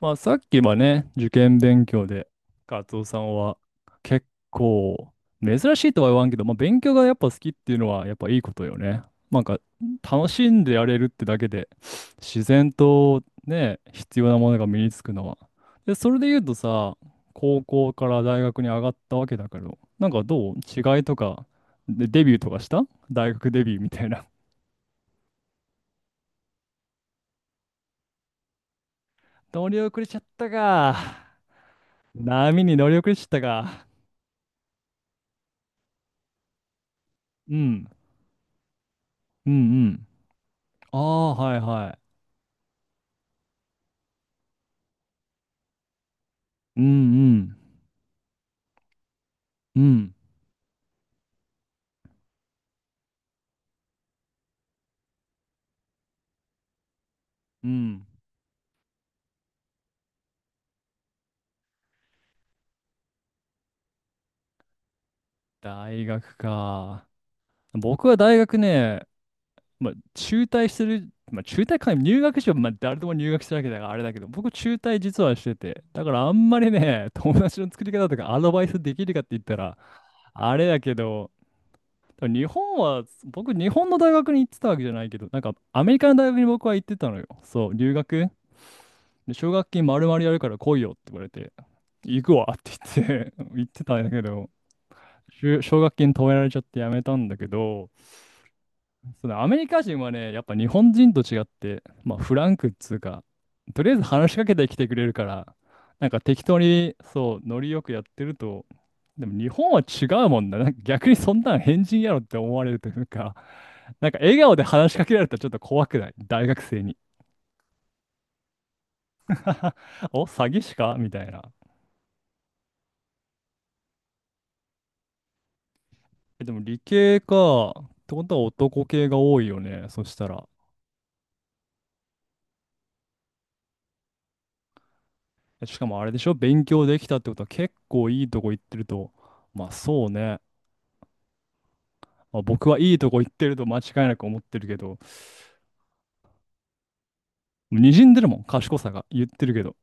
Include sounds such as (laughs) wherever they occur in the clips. まあさっきはね、受験勉強で、カツオさんは結構珍しいとは言わんけど、まあ勉強がやっぱ好きっていうのはやっぱいいことよね。なんか楽しんでやれるってだけで、自然とね、必要なものが身につくのは。で、それで言うとさ、高校から大学に上がったわけだけど、なんかどう違いとか、で、デビューとかした大学デビューみたいな。(laughs) 乗り遅れちゃったか。波に乗り遅れちゃったか。うん。うんうん。ああ、はいはい。うんうん。うん。うん。大学か。僕は大学ね、まあ、中退する、まあ、中退か、入学しよう、まあ、誰でも入学してるわけだからあれだけど、僕中退実はしてて、だからあんまりね、友達の作り方とかアドバイスできるかって言ったら、あれだけど、多分日本は、僕、日本の大学に行ってたわけじゃないけど、なんか、アメリカの大学に僕は行ってたのよ。そう、留学。で奨学金丸々やるから来いよって言われて、行くわって言って (laughs) 言ってたんだけど、奨学金止められちゃってやめたんだけど、そのアメリカ人はね、やっぱ日本人と違って、まあフランクっつうか、とりあえず話しかけてきてくれるから、なんか適当にそう、ノリよくやってると、でも日本は違うもんだ。なんか逆にそんなん変人やろって思われるというか、なんか笑顔で話しかけられたらちょっと怖くない大学生に。(laughs) お、詐欺師かみたいな。えでも理系か。ってことは男系が多いよね。そしたら。しかもあれでしょ勉強できたってことは結構いいとこ行ってると。まあそうね。まあ、僕はいいとこ行ってると間違いなく思ってるけど、滲んでるもん、賢さが言ってるけど。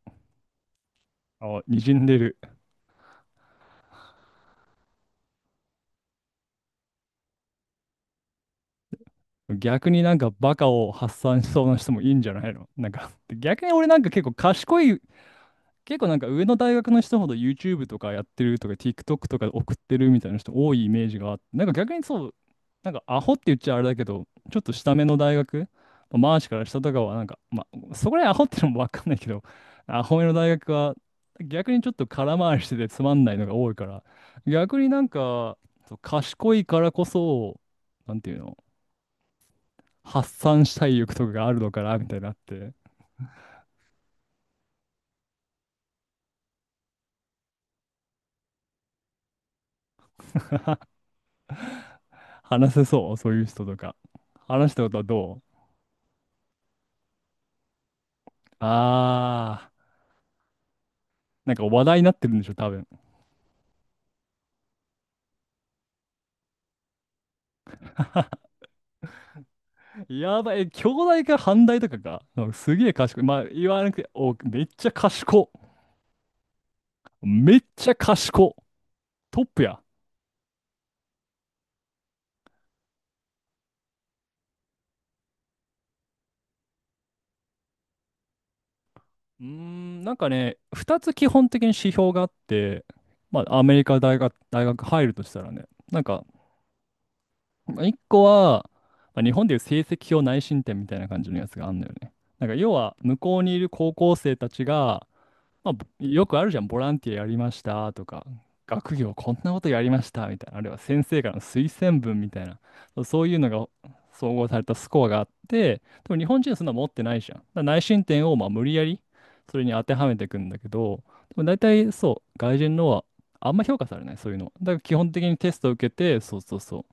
あ、にじんでる。逆になんかバカを発散しそうな人もいいんじゃないのなんか、逆に俺なんか結構賢い結構なんか上の大学の人ほど YouTube とかやってるとか TikTok とかで送ってるみたいな人多いイメージがあって、なんか逆にそう、なんかアホって言っちゃあれだけど、ちょっと下目の大学、まあマーシから下とかはなんか、まあ、そこら辺アホってのもわかんないけど、アホ目の大学は逆にちょっと空回りしててつまんないのが多いから、逆になんか、そう賢いからこそ、なんていうの、発散したい欲とかがあるのかなみたいになって、話せそう、そういう人とか。話したことはどうああ、なんか話題になってるんでしょ、多分。やばい、え兄弟か反対とかか。うんすげえ賢い。まあ、言わなくて、お、めっちゃ賢。めっちゃ賢。トップや。うーん、なんかね、2つ基本的に指標があって、まあ、アメリカ大学、大学入るとしたらね、なんか、1個は、まあ、日本でいう成績表内申点みたいな感じのやつがあるんだよね。なんか、要は、向こうにいる高校生たちが、まあ、ぼよくあるじゃん、ボランティアやりましたとか、学業こんなことやりましたみたいな、あるいは先生からの推薦文みたいな、そうそういうのが総合されたスコアがあって、でも日本人はそんなの持ってないじゃん。だから内申点をまあ無理やりそれに当てはめていくんだけど、でも大体そう、外人のはあんま評価されない、そういうのは。だから基本的にテストを受けて、そうそうそう。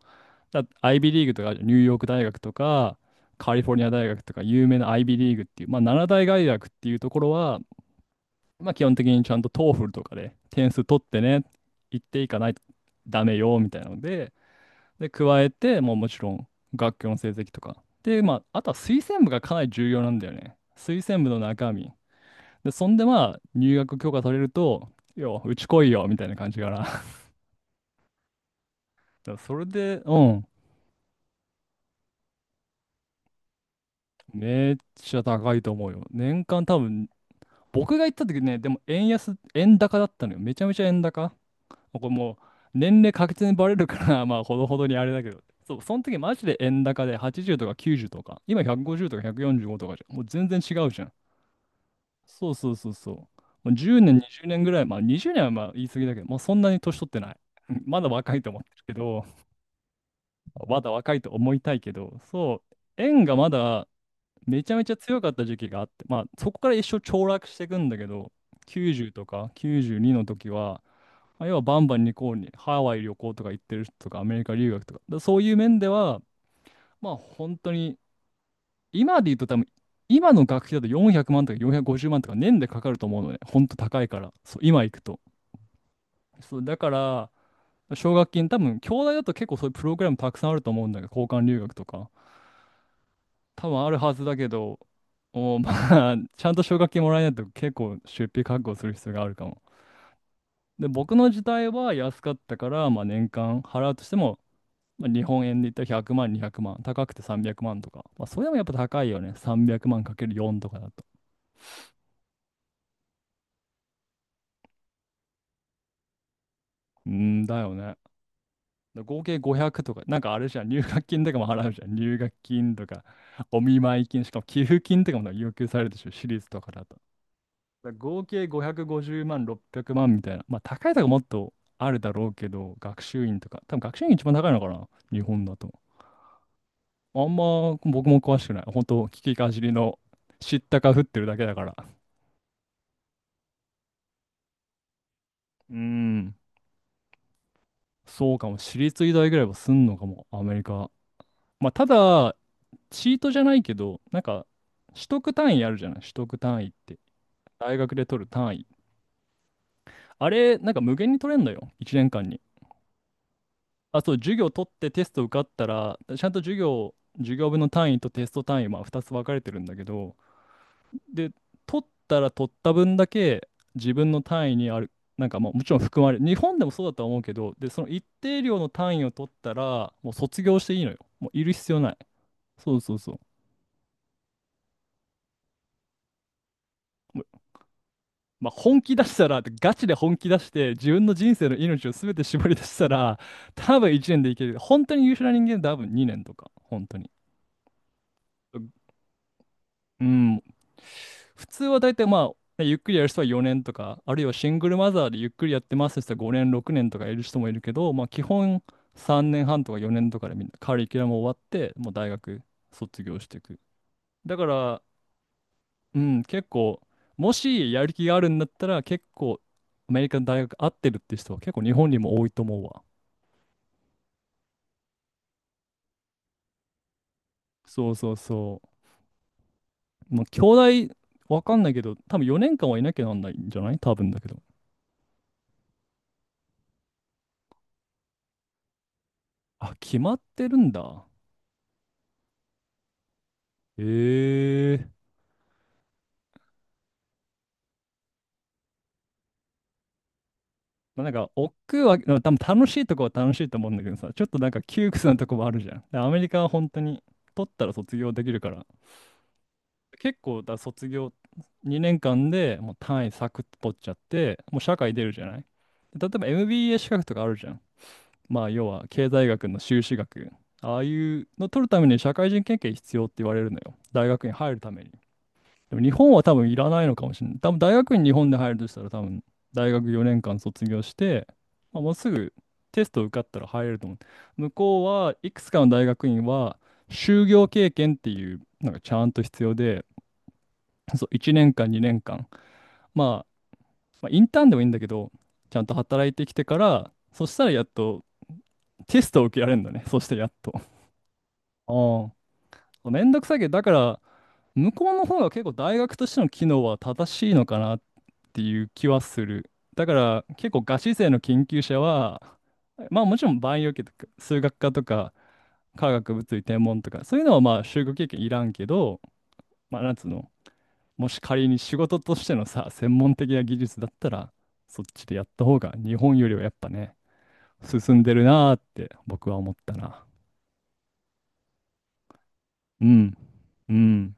だ IB リーグとかあるじゃん、ニューヨーク大学とか、カリフォルニア大学とか有名な IB リーグっていう、まあ、7大外学っていうところはまあ、基本的にちゃんと TOEFL とかで点数取ってね、行っていかないとダメよみたいなので、で、加えて、もうもちろん学級の成績とか。で、まあ、あとは推薦部がかなり重要なんだよね。推薦部の中身。で、そんでまあ、入学許可されると、よ、うち来いよみたいな感じかな。(laughs) だからそれで、うん、めっちゃ高いと思うよ。年間多分、僕が行った時ね、でも円安、円高だったのよ。めちゃめちゃ円高。これもう年齢確実にバレるから (laughs) まあほどほどにあれだけど。そう、その時マジで円高で80とか90とか、今150とか145とかじゃん。もう全然違うじゃん。そうそうそうそう。もう10年、20年ぐらい、まあ20年はまあ言い過ぎだけど、もうそんなに年取ってない。(laughs) うんまだ若いと思ってるけど、まだ若いと思いたいけど、そう、円がまだめちゃめちゃ強かった時期があって、まあそこから一生凋落していくんだけど、90とか92の時は、まあ、要はバンバンにこうにハワイ旅行とか行ってる人とかアメリカ留学とか、だそういう面では、まあ本当に今で言うと多分今の学費だと400万とか450万とか年でかかると思うのね。本当高いから。そう、今行くと。そう、だから奨学金多分、兄弟だと結構そういうプログラムたくさんあると思うんだけど、交換留学とか。多分あるはずだけど、おまあ、(laughs) ちゃんと奨学金もらえないと結構出費覚悟する必要があるかも。で、僕の時代は安かったから、まあ、年間払うとしても、まあ、日本円で言ったら100万、200万、高くて300万とか。まあ、それでもやっぱ高いよね。300万かける4とかだと。うーんだよね。で合計500とか、なんかあれじゃん、入学金とかも払うじゃん。入学金とか、お見舞い金、しかも寄付金とかも要求されるでしょ、私立とかだと。合計550万、600万みたいな。まあ、高いとかもっとあるだろうけど、学習院とか。多分学習院一番高いのかな日本だと。あんま僕も詳しくない。本当聞きかじりの知ったか振ってるだけだから。うーん。そうかも。私立医大ぐらいはすんのかも。アメリカ。まあ、ただ、チートじゃないけど、なんか、取得単位あるじゃない取得単位って。大学で取る単位。あれ、なんか無限に取れんのよ。1年間に。あ、そう、授業取ってテスト受かったら、ちゃんと授業、授業分の単位とテスト単位、まあ2つ分かれてるんだけど、で、取ったら取った分だけ自分の単位にある、なんかまあもちろん含まれる、日本でもそうだとは思うけど、で、その一定量の単位を取ったら、もう卒業していいのよ。もういる必要ない。そうそうそう。まあ本気出したら、ガチで本気出して、自分の人生の命を全て絞り出したら、多分1年でいける。本当に優秀な人間は多分2年とか、本当に。うん。普通は大体まあ、ねゆっくりやる人は4年とか、あるいはシングルマザーでゆっくりやってますって人は5年、6年とかいる人もいるけど、まあ基本3年半とか4年とかでみんなカリキュラム終わって、もう大学卒業していく。だから、うん、結構、もしやる気があるんだったら、結構アメリカの大学合ってるって人は結構日本にも多いと思うわ。そうそうそう。まあ兄弟、わかんないけど、多分4年間はいなきゃなんないんじゃない多分だけど。あ、決まってるんだ。ええまあ、なんか、億劫は、でも多分楽しいとこは楽しいと思うんだけどさ、ちょっとなんか窮屈なとこもあるじゃん。でアメリカは本当に、取ったら卒業できるから、結構、だ卒業2年間でもう単位サクッと取っちゃって、もう社会出るじゃない。で例えば MBA 資格とかあるじゃん。まあ、要は経済学の修士学。ああいうの取るために社会人経験必要って言われるのよ。大学に入るために。でも日本は多分いらないのかもしれない。多分大学院日本で入るとしたら多分大学4年間卒業して、まあ、もうすぐテスト受かったら入れると思う。向こうはいくつかの大学院は就業経験っていうのがちゃんと必要で、そう1年間2年間、まあ、まあインターンでもいいんだけど、ちゃんと働いてきてから、そしたらやっとテストを受けられるんだね。そしてやっと。ああ。めんどくさいけど、だから向こうの方が結構大学としての機能は正しいのかなっていう気はする。だから結構ガチ勢の研究者は、まあもちろんバイオ系とか数学科とか化学物理天文とかそういうのはまあ就学経験いらんけど、まあなんつうの、もし仮に仕事としてのさ、専門的な技術だったらそっちでやった方が日本よりはやっぱね、進んでるなーって僕は思ったな。うん。うん。